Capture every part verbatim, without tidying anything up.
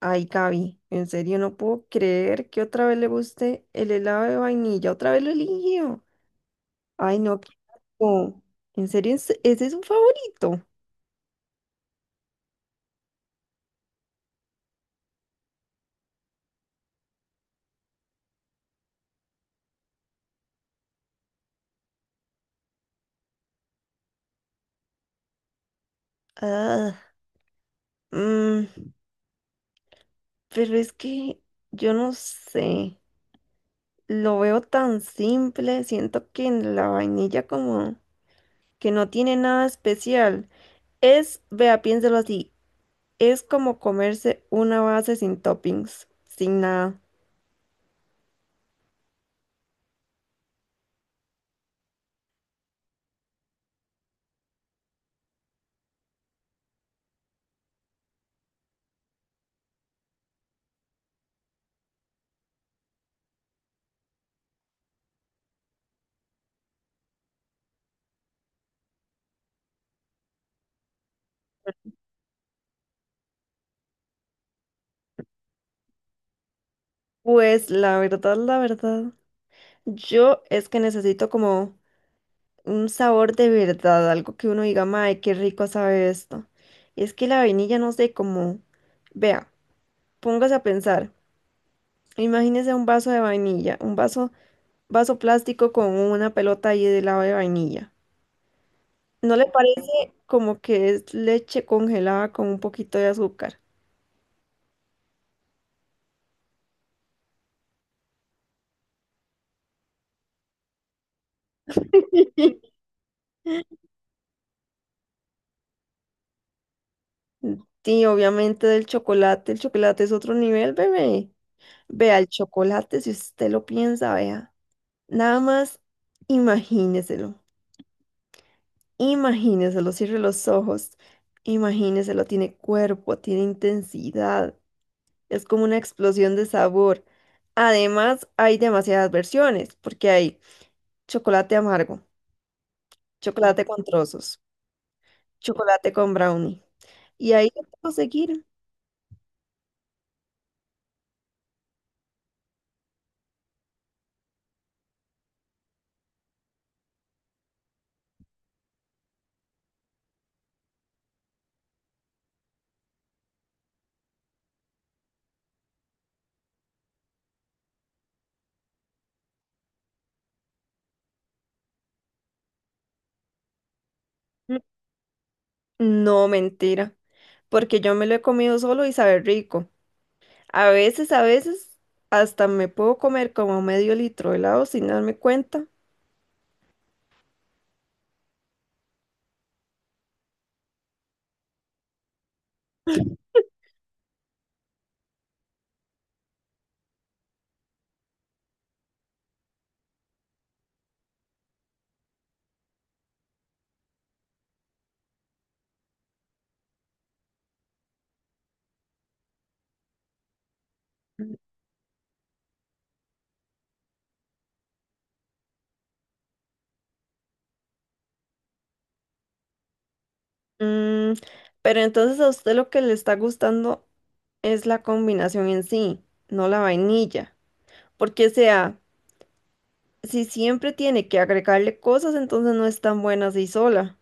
Ay, Gaby, en serio no puedo creer que otra vez le guste el helado de vainilla. Otra vez lo eligió. Ay, no, qué asco. En serio, ¿Es- ese es su favorito? Ah, mm, pero es que yo no sé. Lo veo tan simple. Siento que en la vainilla como que no tiene nada especial. Es, vea, piénselo así. Es como comerse una base sin toppings, sin nada. Pues la verdad, la verdad. Yo es que necesito como un sabor de verdad, algo que uno diga, mae, qué rico sabe esto. Y es que la vainilla, no sé cómo. Vea, póngase a pensar. Imagínese un vaso de vainilla, un vaso, vaso plástico con una pelota ahí de helado de vainilla. ¿No le parece como que es leche congelada con un poquito de azúcar? Sí, obviamente del chocolate. El chocolate es otro nivel, bebé. Vea, el chocolate, si usted lo piensa, vea. Nada más imagíneselo, imagíneselo, cierre los ojos, imagíneselo, tiene cuerpo, tiene intensidad, es como una explosión de sabor. Además, hay demasiadas versiones, porque hay chocolate amargo, chocolate con trozos, chocolate con brownie. Y ahí lo puedo seguir. Mm, No, mentira, porque yo me lo he comido solo y sabe rico. A veces, a veces, hasta me puedo comer como medio litro de helado sin darme cuenta. Mm, pero entonces a usted lo que le está gustando es la combinación en sí, no la vainilla. Porque, o sea, si siempre tiene que agregarle cosas, entonces no es tan buena así sola.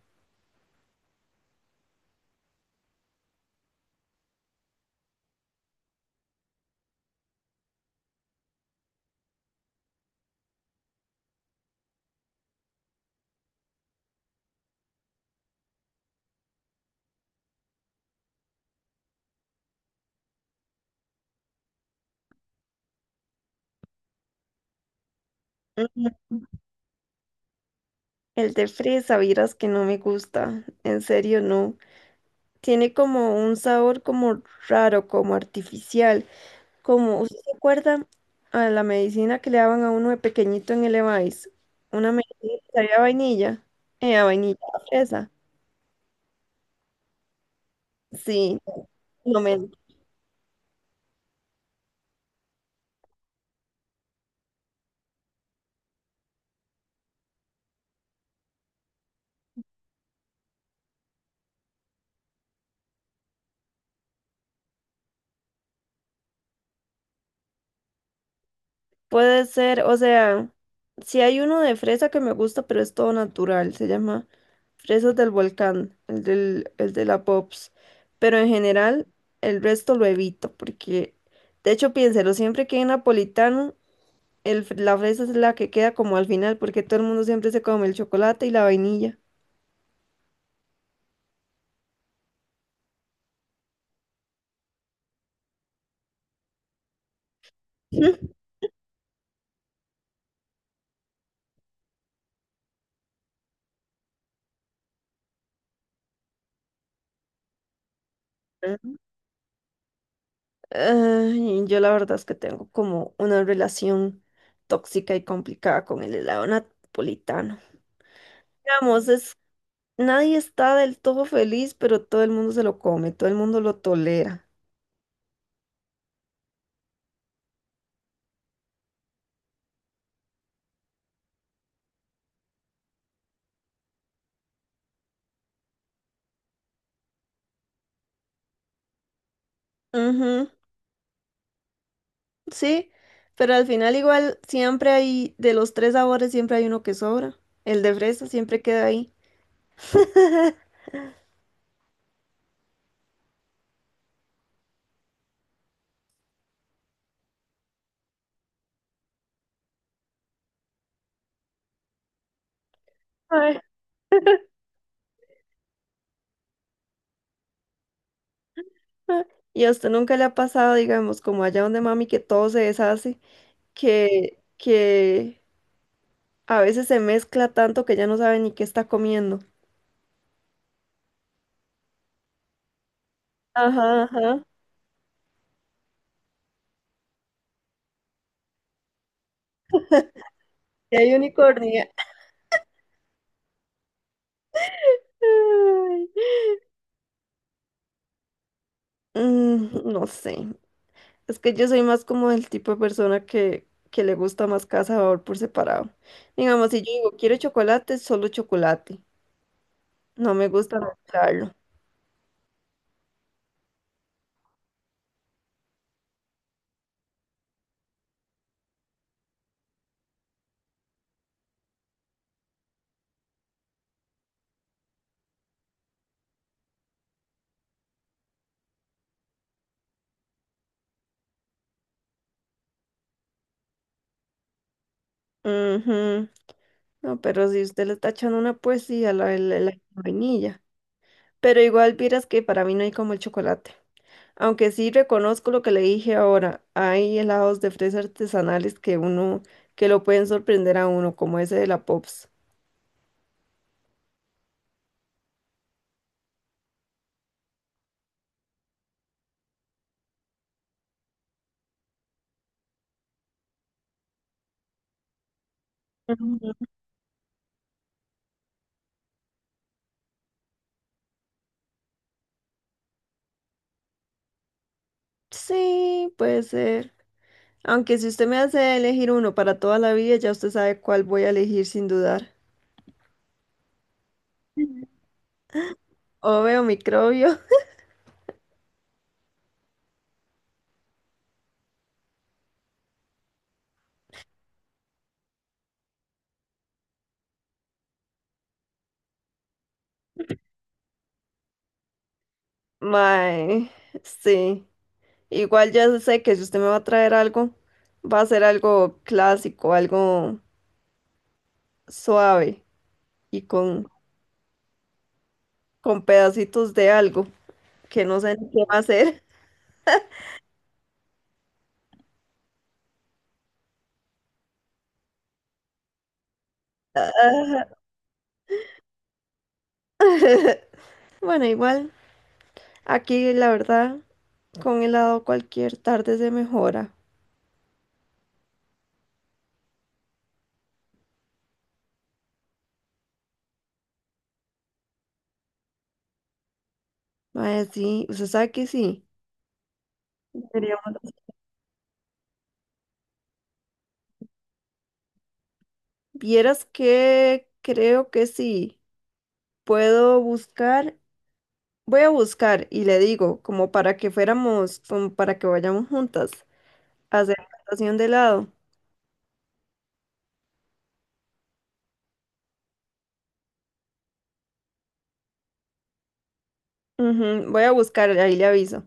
Ujú. El de fresa, vieras que no me gusta. En serio, no. Tiene como un sabor como raro, como artificial. Como, ¿usted se acuerda a la medicina que le daban a uno de pequeñito en el Evice? Una medicina que sabía a vainilla. Eh, a vainilla, a fresa. Sí. Momento. Puede ser, o sea, si hay uno de fresa que me gusta, pero es todo natural, se llama Fresas del Volcán, el del, el de la Pops. Pero en general, el resto lo evito, porque de hecho, piénselo, siempre que hay napolitano, el, fr- la fresa es la que queda como al final, porque todo el mundo siempre se come el chocolate y la vainilla. Ay, yo la verdad es que tengo como una relación tóxica y complicada con el helado napolitano. Digamos, nadie está del todo feliz, pero todo el mundo se lo come, todo el mundo lo tolera. Ujú, sí, pero al final igual siempre hay, de los tres sabores siempre hay uno que sobra. El de fresa siempre queda ahí. Ay, ah, Y a usted nunca le ha pasado, digamos, como allá donde mami, que todo se deshace, que, que a veces se mezcla tanto que ya no sabe ni qué está comiendo. Ajá, ajá. Y hay unicornio. Ay, mm, no sé. Es que yo soy más como el tipo de persona que, que le gusta más cada sabor por separado. Digamos, si yo digo quiero chocolate, solo chocolate. No me gusta mezclarlo. Ujú. No, pero si usted le está echando una poesía a la, la- la vainilla. Pero igual vieras que para mí no hay como el chocolate. Aunque sí reconozco lo que le dije ahora. Hay helados de fresa artesanales que uno, que lo pueden sorprender a uno, como ese de la Pops. Ujú. Sí, puede ser. Aunque si usted me hace elegir uno para toda la vida, ya usted sabe cuál voy a elegir sin dudar. Obvio, microbio. Mae, sí. Igual ya sé que si usted me va a traer algo, va a ser algo clásico, algo suave y con, con pedacitos de algo que no sé ni qué va a ser. Bueno, igual, aquí la verdad, con helado cualquier tarde se mejora. Mae, sí, usted sabe que sí. Deberíamos- Vieras que creo que sí. Puedo buscar, voy a buscar y le digo, como para que fuéramos, como para que vayamos juntas a hacer natación de lado. Ujú, voy a buscar, ahí le aviso.